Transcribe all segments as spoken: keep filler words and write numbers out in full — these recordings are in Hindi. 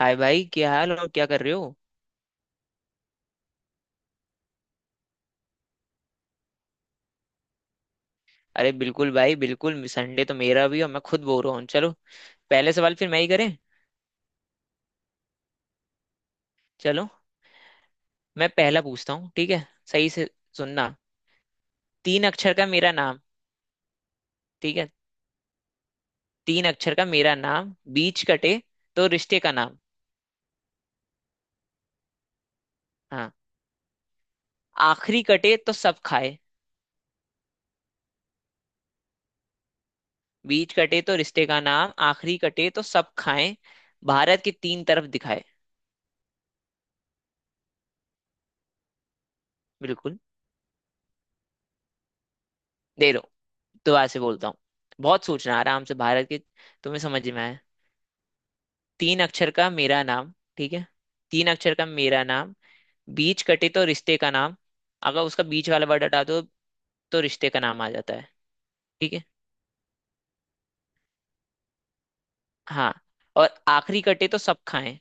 हाय भाई, क्या हाल और क्या कर रहे हो? अरे बिल्कुल भाई, बिल्कुल। संडे तो मेरा भी, और मैं खुद बोर हूँ। चलो। पहले सवाल फिर मैं ही करें। चलो। मैं पहला पूछता हूँ, ठीक है। सही से सुनना। तीन अक्षर का मेरा नाम, ठीक है। तीन अक्षर का मेरा नाम, बीच कटे तो रिश्ते का नाम। हाँ। आखिरी कटे तो सब खाए। बीच कटे तो रिश्ते का नाम, आखिरी कटे तो सब खाएं, भारत के तीन तरफ दिखाए। बिल्कुल। दे दो। दोबारा से बोलता हूँ। बहुत सोचना आराम से, भारत के। तुम्हें समझ में आए। तीन अक्षर का मेरा नाम, ठीक है। तीन अक्षर का मेरा नाम, बीच कटे तो रिश्ते का नाम। अगर उसका बीच वाला वर्ड हटा दो तो रिश्ते का नाम आ जाता है, ठीक है। हाँ। और आखिरी कटे तो सब खाएं।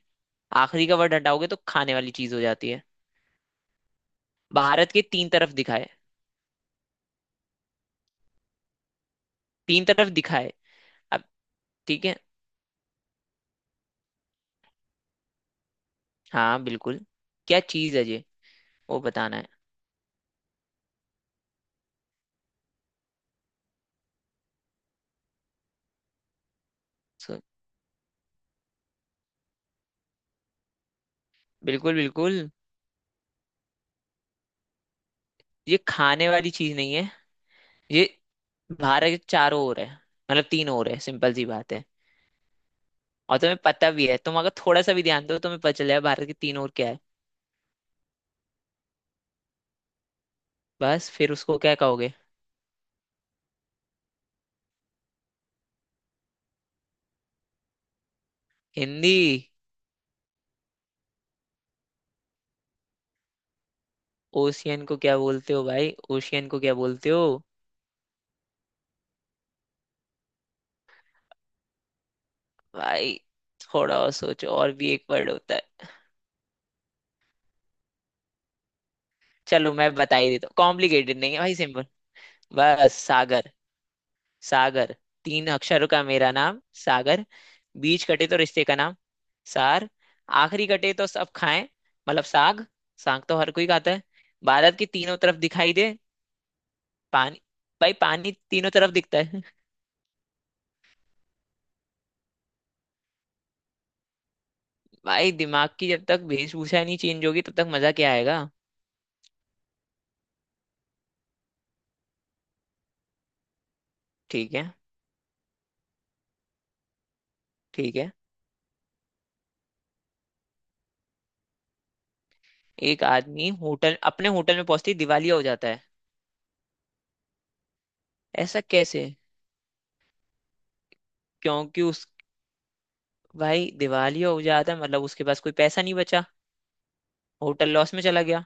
आखिरी का वर्ड हटाओगे तो खाने वाली चीज हो जाती है। भारत के तीन तरफ दिखाए। तीन तरफ दिखाए। अब ठीक है। हाँ बिल्कुल। क्या चीज है ये? वो बताना है। सो। बिल्कुल बिल्कुल, ये खाने वाली चीज नहीं है। ये भारत के चारों ओर है, मतलब तीन ओर है, सिंपल सी बात है। और तुम्हें पता भी है, तुम अगर थोड़ा सा भी ध्यान दो तुम्हें पता चल जाएगा भारत की तीन और क्या है। बस फिर उसको क्या कहोगे? हिंदी। ओशियन को क्या बोलते हो भाई? ओशियन को क्या बोलते हो? भाई थोड़ा और सोचो, और भी एक वर्ड होता है। चलो मैं बता ही देता हूँ, कॉम्प्लिकेटेड नहीं है भाई, सिंपल। बस सागर। सागर। तीन अक्षरों का मेरा नाम सागर। बीच कटे तो रिश्ते का नाम सार। आखिरी कटे तो सब खाएं, मतलब साग। साग तो हर कोई खाता है। भारत की तीनों तरफ दिखाई दे पानी। भाई पानी तीनों तरफ दिखता है। भाई दिमाग की जब तक वेशभूषा नहीं चेंज होगी तब तक मजा क्या आएगा? ठीक है। ठीक है। एक आदमी होटल अपने होटल में पहुंचते ही दिवालिया हो जाता है। ऐसा कैसे? क्योंकि उस भाई दिवालिया हो जाता है, मतलब उसके पास कोई पैसा नहीं बचा। होटल लॉस में चला गया।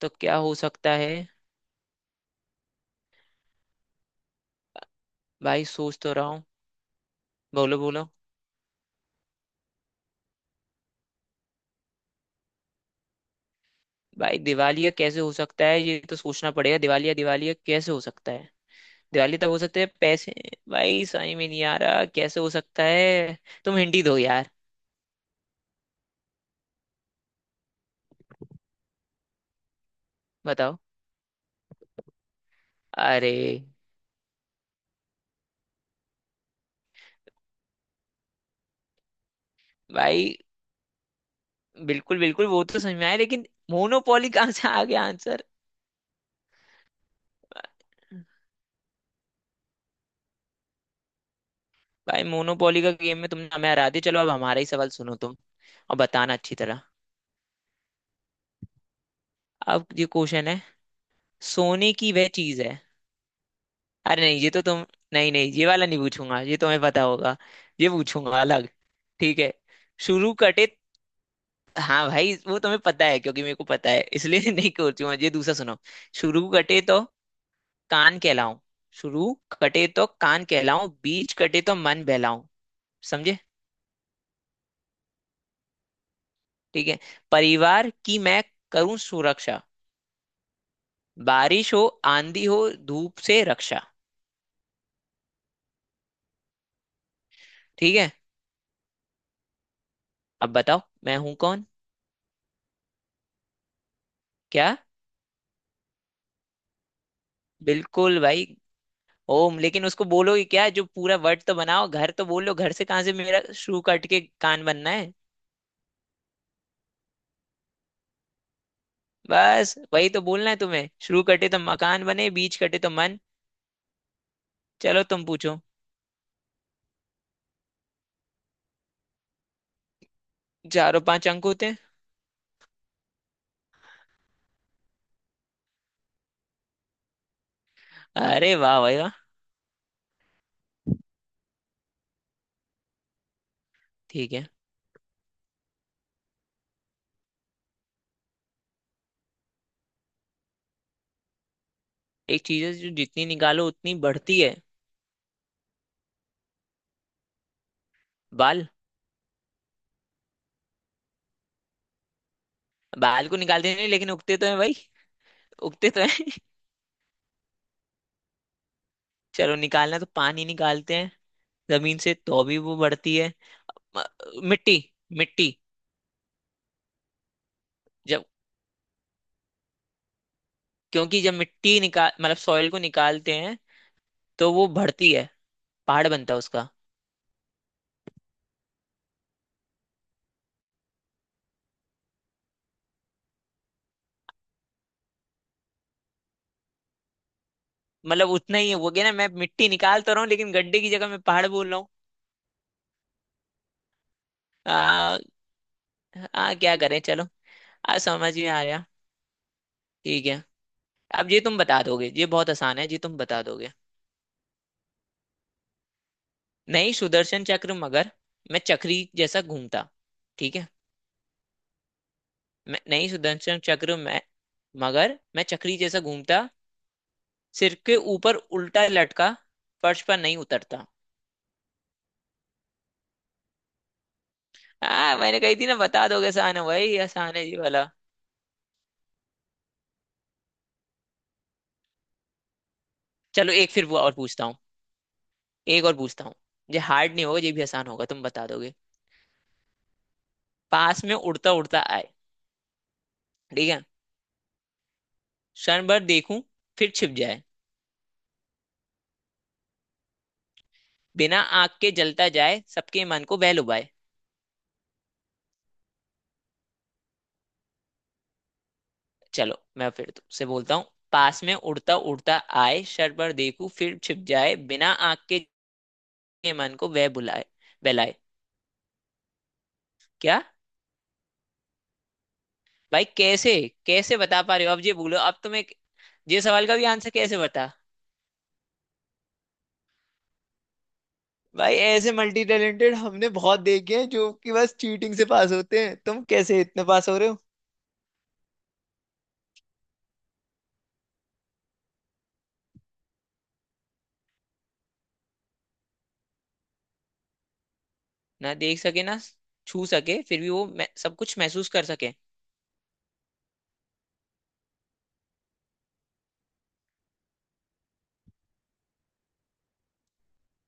तो क्या हो सकता है? भाई सोच तो रहा हूँ। बोलो बोलो। भाई दिवालिया कैसे हो सकता है, ये तो सोचना पड़ेगा। दिवालिया दिवालिया कैसे हो सकता है? दिवाली तक हो सकते हैं पैसे। भाई समझ में नहीं आ रहा कैसे हो सकता है। तुम हिंदी दो यार। बताओ। अरे भाई। बिल्कुल बिल्कुल, वो तो समझ में आया लेकिन मोनोपोली कहाँ से आ गया आंसर? भाई मोनोपोली का गेम में तुमने हमें हरा दिया, चलो अब हमारा ही सवाल सुनो तुम। और बताना अच्छी तरह। अब ये क्वेश्चन है। सोने की वह चीज है। अरे नहीं, ये तो तुम, नहीं नहीं, ये वाला नहीं पूछूंगा, ये तुम्हें पता होगा। ये पूछूंगा अलग। ठीक है। शुरू कटे। हाँ भाई, वो तुम्हें पता है क्योंकि मेरे को पता है इसलिए नहीं करती हूँ। ये दूसरा सुनो। शुरू कटे तो कान कहलाऊं। शुरू कटे तो कान कहलाऊं, बीच कटे तो मन बहलाऊं। समझे? ठीक है। परिवार की मैं करूं सुरक्षा। बारिश हो, आंधी हो, धूप से रक्षा। ठीक है। अब बताओ मैं हूं कौन? क्या? बिल्कुल भाई। ओम, लेकिन उसको बोलो कि क्या, जो पूरा वर्ड तो बनाओ। घर तो बोलो, घर से कहाँ से मेरा शुरू कट के कान बनना है? बस वही तो बोलना है तुम्हें, शुरू कटे तो मकान बने, बीच कटे तो मन। चलो तुम पूछो। चारों पांच अंक होते हैं। अरे वाह भाई वाह। ठीक है। एक चीज है जो जितनी निकालो उतनी बढ़ती है। बाल। बाल को निकालते नहीं लेकिन उगते तो है भाई। उगते तो है चलो निकालना तो पानी निकालते हैं। जमीन से तो भी वो बढ़ती है। म- मिट्टी। मिट्टी। जब क्योंकि जब मिट्टी निकाल, मतलब सॉइल को निकालते हैं, तो वो बढ़ती है। पहाड़ बनता है उसका। मतलब उतना ही हो गया ना, मैं मिट्टी निकाल तो रहा हूँ लेकिन गड्ढे की जगह मैं पहाड़ बोल रहा हूँ। आ, आ, क्या करें, चलो। आ समझ में आ गया। ठीक है। अब ये तुम बता दोगे, ये बहुत आसान है, ये तुम बता दोगे। नहीं सुदर्शन चक्र, मगर मैं चक्री जैसा घूमता। ठीक है। मैं नहीं सुदर्शन चक्र मैं, मगर मैं चक्री जैसा घूमता। सिर के ऊपर उल्टा लटका, फर्श पर नहीं उतरता। आ मैंने कही थी ना, बता दोगे। आसान है भाई, आसान है ये वाला। चलो एक फिर वो और पूछता हूँ। एक और पूछता हूँ। ये हार्ड नहीं होगा, ये भी आसान होगा, तुम बता दोगे। पास में उड़ता उड़ता आए। ठीक है। क्षण भर देखूं, फिर छिप जाए। बिना आग के जलता जाए, सबके मन को बह लुभाए। चलो मैं फिर तुमसे बोलता हूँ। पास में उड़ता उड़ता आए, क्षण भर देखूं, फिर छिप जाए, बिना आग के। के मन को वह बुलाए बहलाए। क्या? भाई कैसे कैसे बता पा रहे हो? अब ये बोलो अब तुम्हें। ये सवाल का भी आंसर कैसे बता। भाई ऐसे मल्टी टैलेंटेड हमने बहुत देखे हैं जो कि बस चीटिंग से पास होते हैं, तुम कैसे इतने पास हो रहे हो? ना देख सके, ना छू सके, फिर भी वो मैं, सब कुछ महसूस कर सके।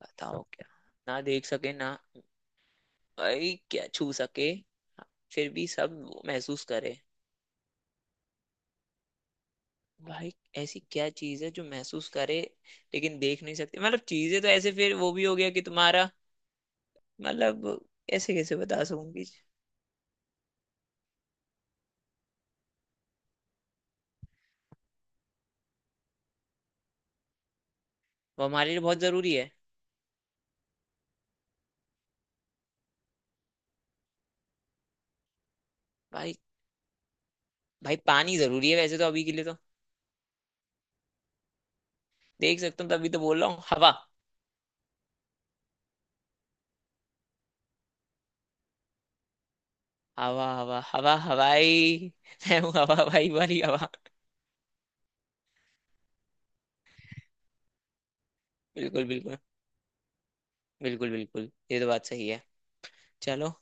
बताओ क्या? ना देख सके, ना भाई क्या छू सके, फिर भी सब वो महसूस करे। भाई ऐसी क्या चीज है जो महसूस करे लेकिन देख नहीं सकते, मतलब चीजें तो ऐसे फिर वो भी हो गया कि तुम्हारा, मतलब ऐसे कैसे बता सकूंगी? वो हमारे लिए बहुत जरूरी है। भाई भाई, पानी जरूरी है वैसे तो अभी के लिए तो। देख सकता हूँ तभी तो बोल रहा हूँ। हवा। हवा हवा हवा हवाई मैं हूँ हवा हवाई वाली हवा। बिल्कुल बिल्कुल। बिल्कुल बिल्कुल, ये तो बात सही है। चलो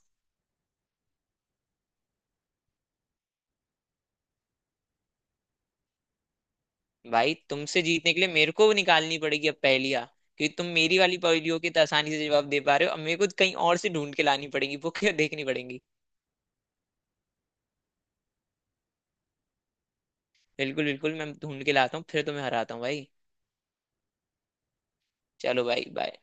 भाई। तुमसे जीतने के लिए मेरे को निकालनी पड़ेगी अब पहेलियाँ। क्योंकि तुम मेरी वाली पहेलियों के तो आसानी से जवाब दे पा रहे हो, अब मेरे को कहीं और से ढूंढ के लानी पड़ेगी वो क्या देखनी पड़ेगी। बिल्कुल बिल्कुल, मैं ढूंढ के लाता हूँ फिर तुम्हें हराता हूँ भाई। चलो भाई, बाय।